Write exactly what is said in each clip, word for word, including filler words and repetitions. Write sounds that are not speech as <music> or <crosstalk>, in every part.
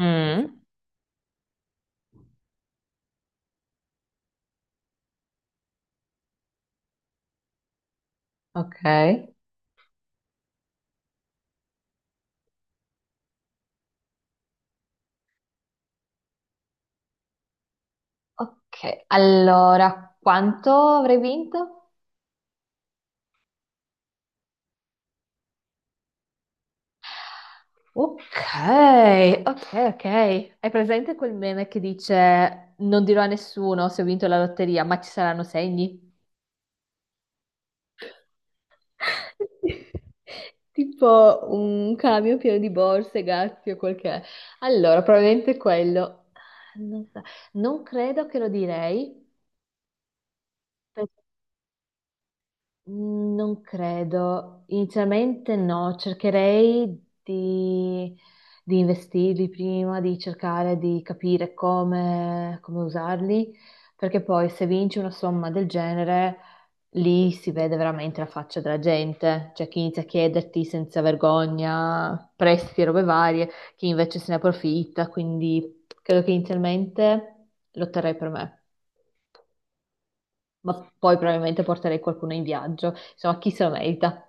Mm, ok. Ok, allora, quanto avrei vinto? Ok, ok, ok. Hai presente quel meme che dice non dirò a nessuno se ho vinto la lotteria, ma ci saranno segni? <laughs> Tipo un camion pieno di borse, gatti o quel che è. Allora, probabilmente quello. Ah, non so, non credo che lo direi. Mm, non credo. Inizialmente no, cercherei di, di investirli prima, di cercare di capire come, come usarli, perché poi se vinci una somma del genere, lì si vede veramente la faccia della gente, cioè chi inizia a chiederti senza vergogna prestiti e robe varie, chi invece se ne approfitta, quindi credo che inizialmente lotterei per me, ma poi probabilmente porterei qualcuno in viaggio, insomma chi se lo merita.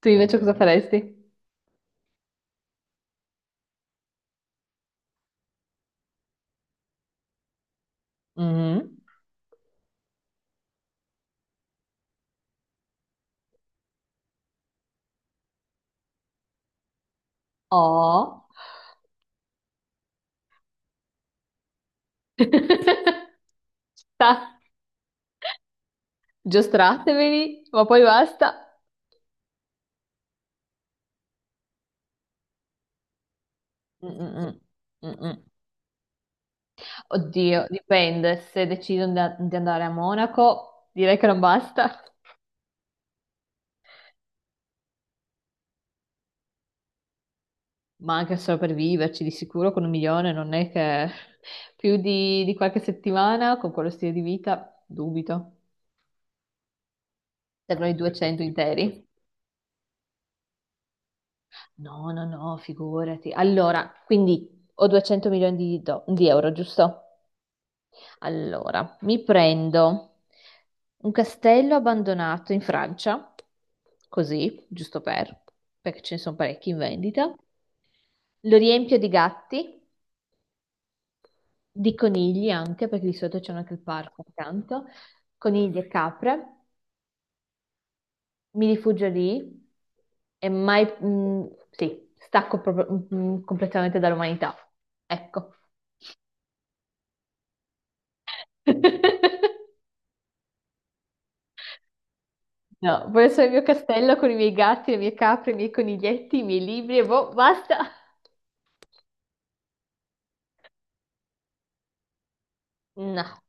Tu invece cosa faresti? Mhm. Oh. <laughs> Sta- Giostrateveli, ma poi basta. Mm, mm, mm, mm. Oddio, dipende. Se decidono da- di andare a Monaco, direi che non basta. Ma anche solo per viverci, di sicuro con un milione non è che più di, di qualche settimana con quello stile di vita, dubito. Servono i duecento interi. No, no, no, figurati. Allora, quindi ho duecento milioni di, do- di euro, giusto? Allora, mi prendo un castello abbandonato in Francia, così, giusto per, perché ce ne sono parecchi in vendita. Lo riempio di gatti, di conigli anche, perché di solito c'è anche il parco accanto, conigli e capre. Mi rifugio lì e mai, mm, sì, stacco proprio, mm, mm, completamente dall'umanità. Ecco. <laughs> No, voglio solo il mio castello con i miei gatti, le mie capre, i miei coniglietti, i miei libri e boh, basta. No,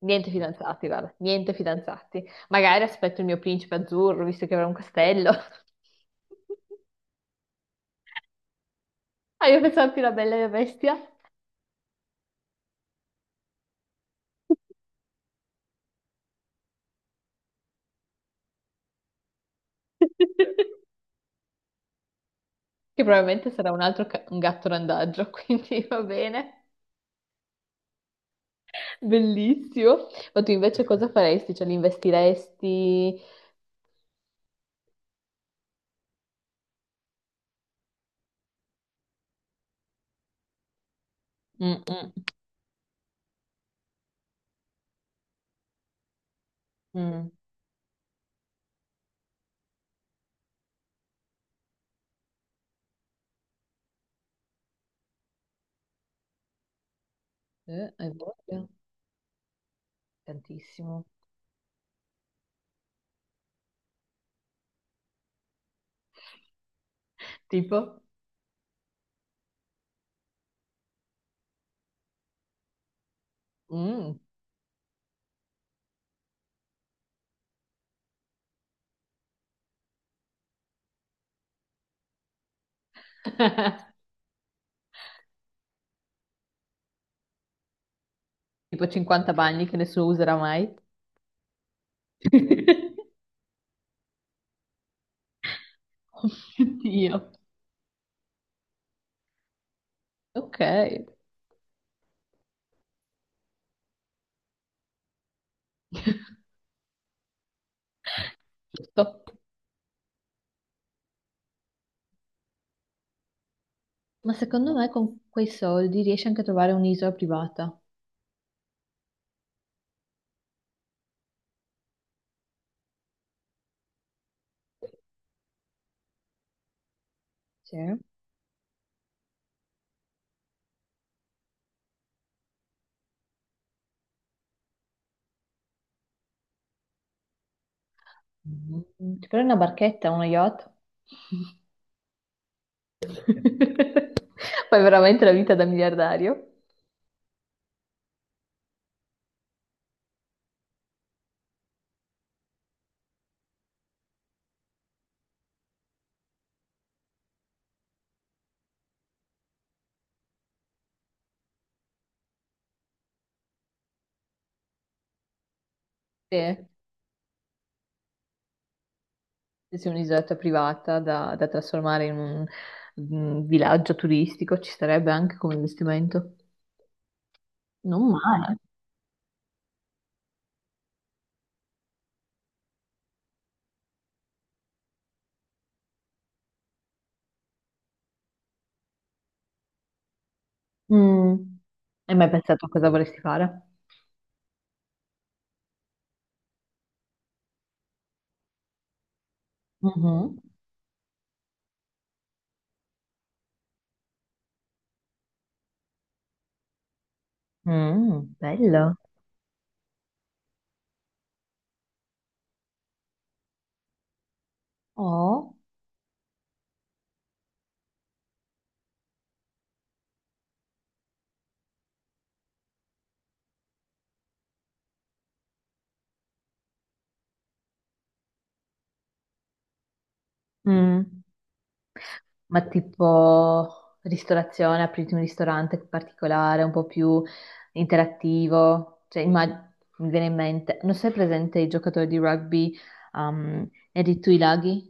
niente fidanzati, guarda, niente fidanzati. Magari aspetto il mio principe azzurro, visto che avrà un castello. <laughs> Ah, io pensavo più la bella e la bestia. <laughs> Che probabilmente sarà un altro ca- un gatto randaggio, <laughs> quindi va bene. Bellissimo. Ma tu invece cosa faresti? Cioè, li investiresti? Mm, mm, mm. Eh, hai voglia? Tantissimo. Tipo? Mm, tipo cinquanta bagni che nessuno userà mai. <laughs> Dio. Ok. Giusto. Ma secondo me con quei soldi riesci anche a trovare un'isola privata. Sì. Mm, ti prendi una barchetta, uno yacht? <laughs> Fai veramente la vita da miliardario? Sì, se sei un'isoletta privata da, da trasformare in un, un villaggio turistico, ci starebbe anche come investimento. Non male. Mm. Hai mai pensato a cosa vorresti fare? Mhm. Mm, bello. Oh. Mm. Ma tipo ristorazione, apriti un ristorante particolare, un po' più interattivo. Cioè, immag- mi viene in mente, non sei presente i giocatori di rugby, um, Erri Tuilagi?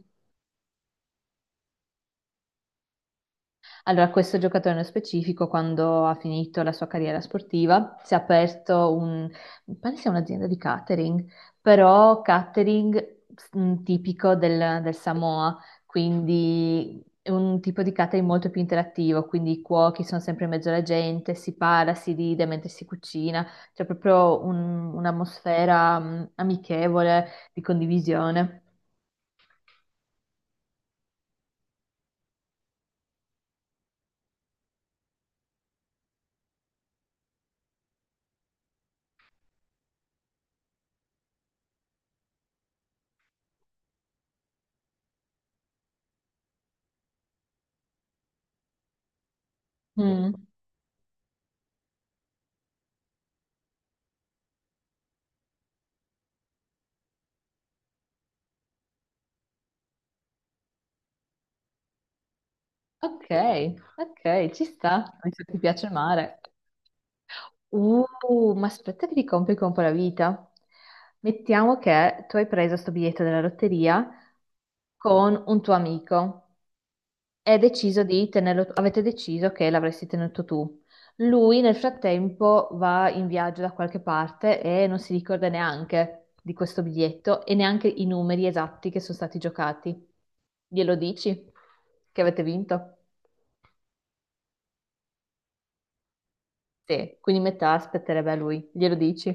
Allora, questo giocatore nello specifico, quando ha finito la sua carriera sportiva, si è aperto un, mi pare sia un'azienda di catering, però catering mm, tipico del, del Samoa, quindi è un tipo di catering molto più interattivo, quindi i cuochi sono sempre in mezzo alla gente, si parla, si ride mentre si cucina, c'è proprio un- un'atmosfera mm, amichevole di condivisione. Mm. Ok, ok, ci sta, mi sa che ti piace il mare. Uh, ma aspetta che ti complico un po' la vita. Mettiamo che tu hai preso sto biglietto della lotteria con un tuo amico e hai deciso di tenerlo, avete deciso che l'avresti tenuto tu. Lui nel frattempo va in viaggio da qualche parte e non si ricorda neanche di questo biglietto e neanche i numeri esatti che sono stati giocati. Glielo dici che avete vinto? Sì, quindi metà aspetterebbe a lui. Glielo dici?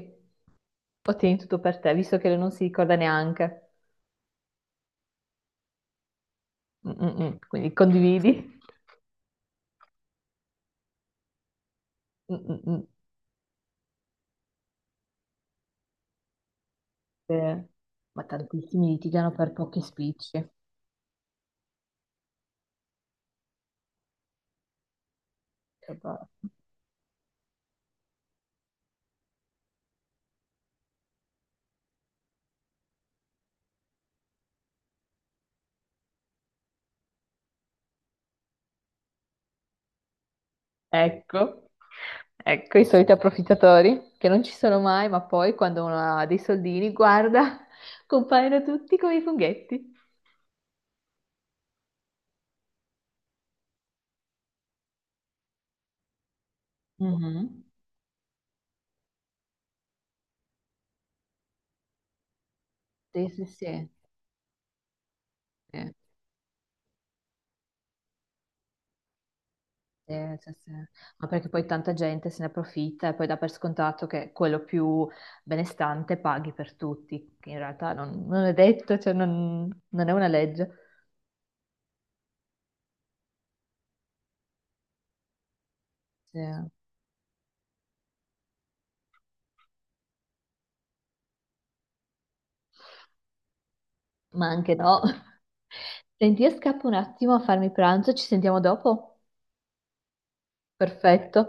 Ottieni tutto per te, visto che non si ricorda neanche. Mm, mm, mm. Quindi condividi. Mm, mm, mm. Eh, ma tantissimi litigano per pochi spicci. Cioè, boh. Ecco, ecco i soliti approfittatori che non ci sono mai, ma poi quando uno ha dei soldini, guarda, <laughs> compaiono tutti come i funghetti. Mhm. Sì, sì, sì. Sì. Sì, sì, sì. Ma perché poi tanta gente se ne approfitta e poi dà per scontato che quello più benestante paghi per tutti, che in realtà non, non è detto, cioè non, non è una legge. Sì. Ma anche no. <laughs> Senti, io scappo un attimo a farmi pranzo, ci sentiamo dopo? Perfetto.